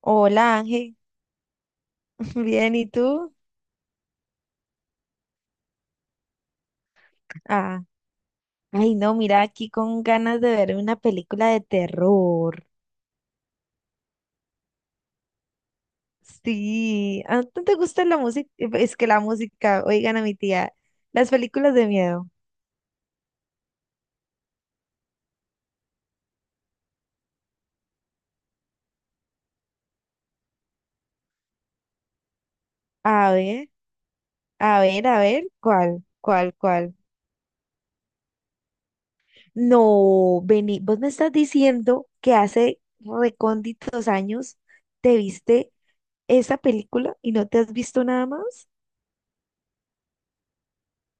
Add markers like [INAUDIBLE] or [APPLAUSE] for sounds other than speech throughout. Hola Ángel, [LAUGHS] bien, ¿y tú? Ah, ay no, mira, aquí con ganas de ver una película de terror. Sí, ¿a ti te gusta la música? Es que la música, oigan a mi tía, las películas de miedo. A ver, a ver, a ver, ¿cuál? No, Beni, vos me estás diciendo que hace recónditos años te viste esa película y no te has visto nada más.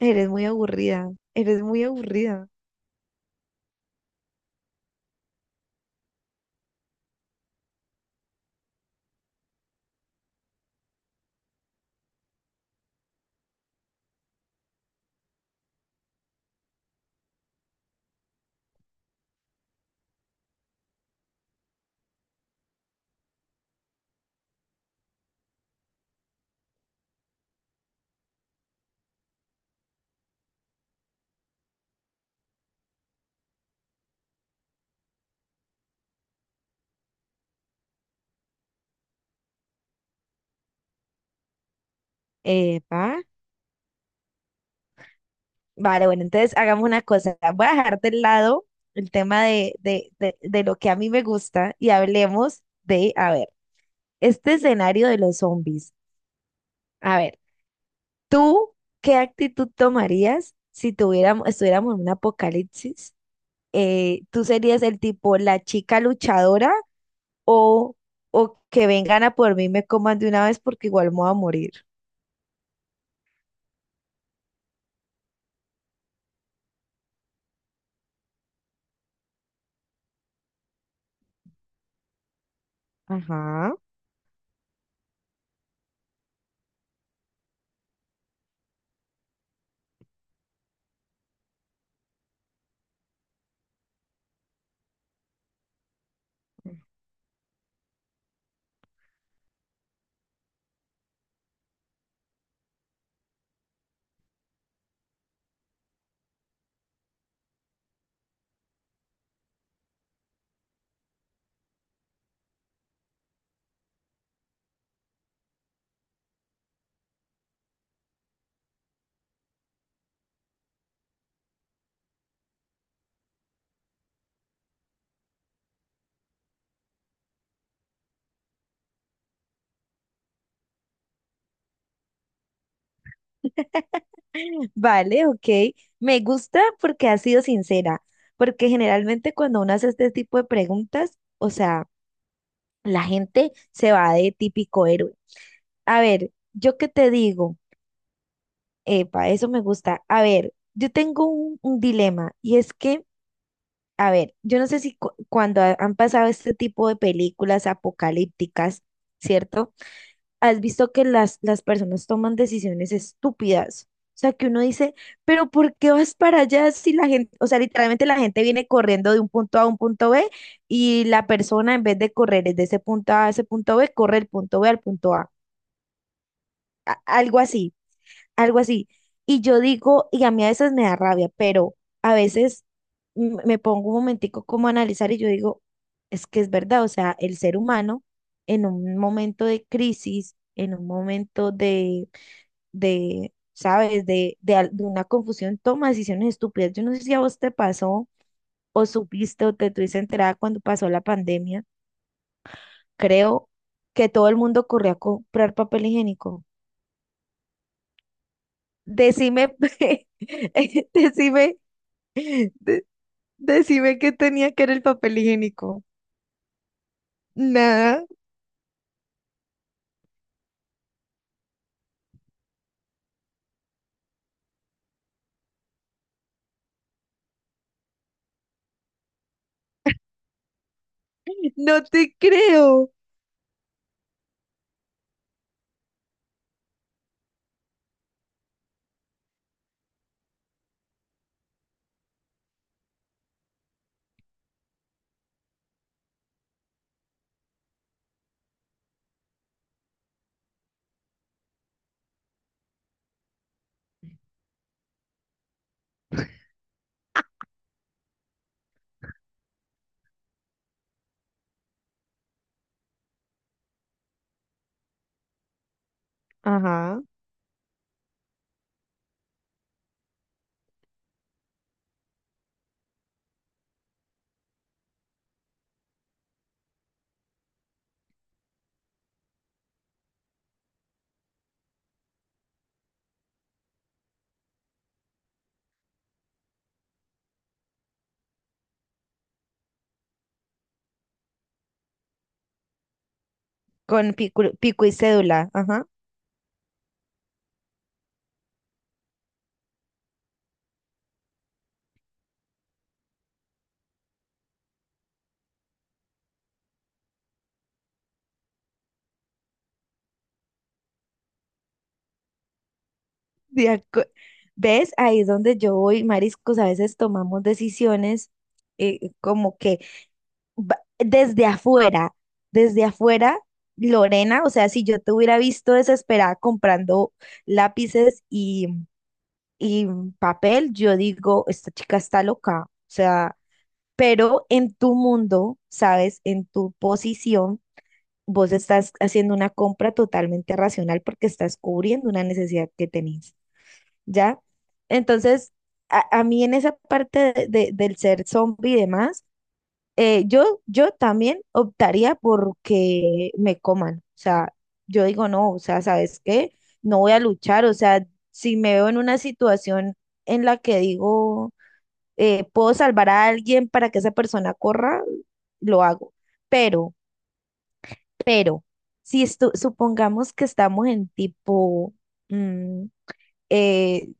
Eres muy aburrida, eres muy aburrida. Epa. Vale, bueno, entonces hagamos una cosa. Voy a dejar de lado el tema de lo que a mí me gusta y hablemos de, a ver, este escenario de los zombies. A ver, ¿tú qué actitud tomarías si estuviéramos en un apocalipsis? ¿Tú serías el tipo, la chica luchadora o, o que vengan a por mí y me coman de una vez porque igual me voy a morir? Ajá. Vale, ok. Me gusta porque has sido sincera, porque generalmente cuando uno hace este tipo de preguntas, o sea, la gente se va de típico héroe. A ver, yo qué te digo, epa, eso me gusta. A ver, yo tengo un dilema y es que, a ver, yo no sé si cuando han pasado este tipo de películas apocalípticas, ¿cierto? Has visto que las personas toman decisiones estúpidas. O sea, que uno dice, pero ¿por qué vas para allá si la gente, o sea, literalmente la gente viene corriendo de un punto a un punto B y la persona en vez de correr desde ese punto A a ese punto B, corre el punto B al punto A. Algo así, algo así. Y yo digo, y a mí a veces me da rabia, pero a veces me pongo un momentico como a analizar y yo digo, es que es verdad, o sea, el ser humano en un momento de crisis, en un momento de ¿sabes?, de una confusión, toma decisiones estúpidas. Yo no sé si a vos te pasó o supiste o te tuviste enterada cuando pasó la pandemia, creo que todo el mundo corrió a comprar papel higiénico. Decime, [LAUGHS] decime. Decime qué tenía que era el papel higiénico. Nada, no te creo. Ajá, con pico, pico y cédula. Ajá. de acu- ¿Ves? Ahí es donde yo voy, mariscos. A veces tomamos decisiones como que va- desde afuera, desde afuera, Lorena, o sea, si yo te hubiera visto desesperada comprando lápices y papel, yo digo, esta chica está loca. O sea, pero en tu mundo, ¿sabes? En tu posición, vos estás haciendo una compra totalmente racional porque estás cubriendo una necesidad que tenés, ¿ya? Entonces, a mí en esa parte del ser zombie y demás, yo, yo también optaría porque me coman, o sea, yo digo, no, o sea, ¿sabes qué? No voy a luchar, o sea, si me veo en una situación en la que digo puedo salvar a alguien para que esa persona corra, lo hago. Pero, pero, si supongamos que estamos en tipo mm, eh,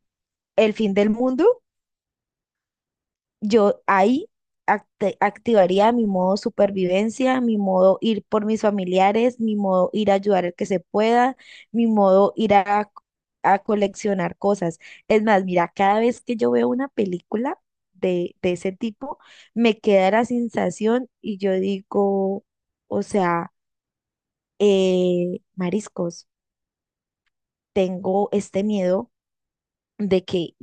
el fin del mundo, yo ahí activaría mi modo supervivencia, mi modo ir por mis familiares, mi modo ir a ayudar al que se pueda, mi modo ir a coleccionar cosas. Es más, mira, cada vez que yo veo una película de ese tipo, me queda la sensación y yo digo, o sea, mariscos, tengo este miedo de que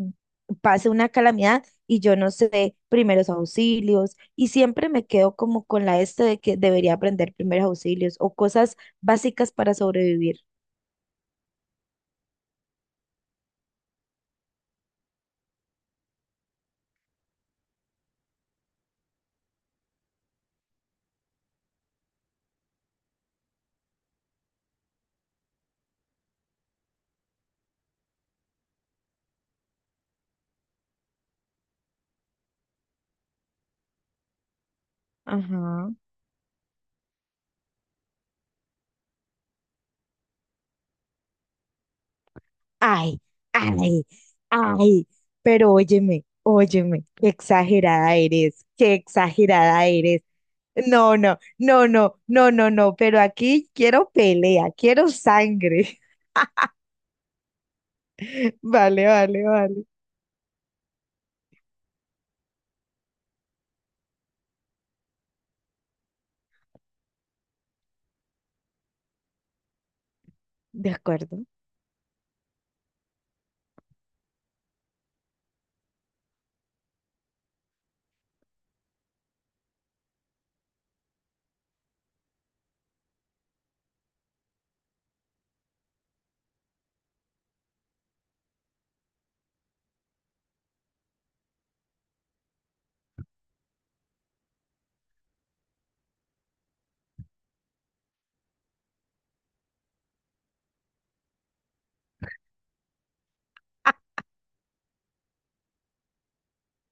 pase una calamidad y yo no sé primeros auxilios y siempre me quedo como con la este de que debería aprender primeros auxilios o cosas básicas para sobrevivir. Ajá. Ay, ay, ay, pero óyeme, óyeme, qué exagerada eres, qué exagerada eres. No, no, no, no, no, no, no, pero aquí quiero pelea, quiero sangre. [LAUGHS] Vale, vale, vale. De acuerdo.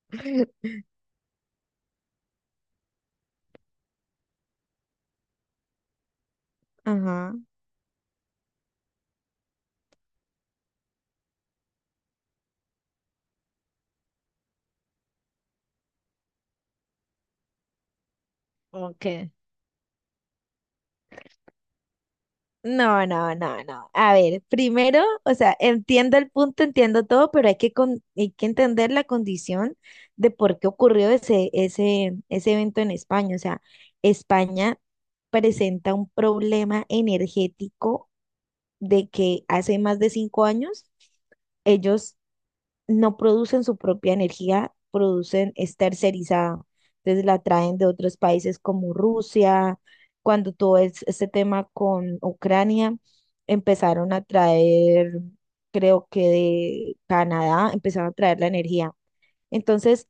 [LAUGHS] Ajá. Ok. No, no, no, no. A ver, primero, o sea, entiendo el punto, entiendo todo, pero hay que, hay que entender la condición de por qué ocurrió ese, ese, ese evento en España. O sea, España presenta un problema energético de que hace más de 5 años ellos no producen su propia energía, producen, es tercerizada. Entonces la traen de otros países como Rusia. Cuando este tema con Ucrania, empezaron a traer, creo que de Canadá, empezaron a traer la energía. Entonces,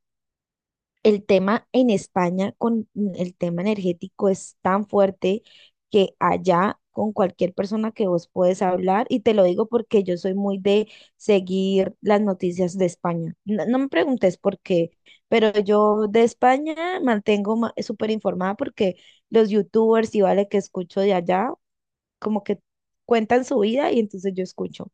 el tema en España con el tema energético es tan fuerte que allá con cualquier persona que vos puedes hablar, y te lo digo porque yo soy muy de seguir las noticias de España. No, no me preguntes por qué, pero yo de España mantengo súper informada porque los youtubers y vale que escucho de allá, como que cuentan su vida y entonces yo escucho.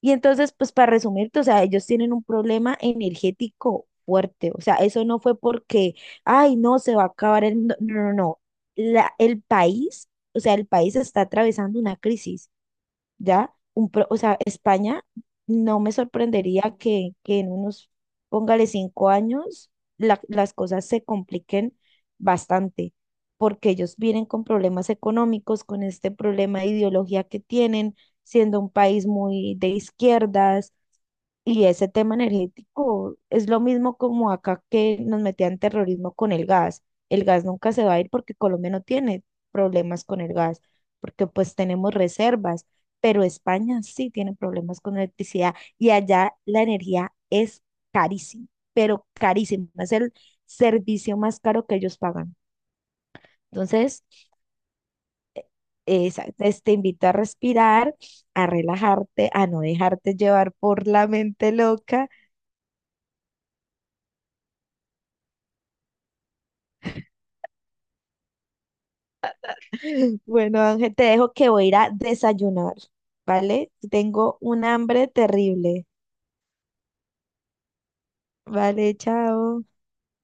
Y entonces, pues para resumirte, o sea, ellos tienen un problema energético fuerte. O sea, eso no fue porque, ay, no, se va a acabar el mundo". No, no, no. La, el país, o sea, el país está atravesando una crisis. ¿Ya? O sea, España no me sorprendería que en unos, póngale 5 años, las cosas se compliquen bastante, porque ellos vienen con problemas económicos, con este problema de ideología que tienen, siendo un país muy de izquierdas, y ese tema energético es lo mismo como acá que nos metían terrorismo con el gas. El gas nunca se va a ir porque Colombia no tiene problemas con el gas, porque pues tenemos reservas, pero España sí tiene problemas con electricidad y allá la energía es carísima, pero carísima, es el servicio más caro que ellos pagan. Entonces, te invito a respirar, a relajarte, a no dejarte llevar por la mente loca. [LAUGHS] Bueno, Ángel, te dejo que voy a ir a desayunar, ¿vale? Tengo un hambre terrible. Vale, chao.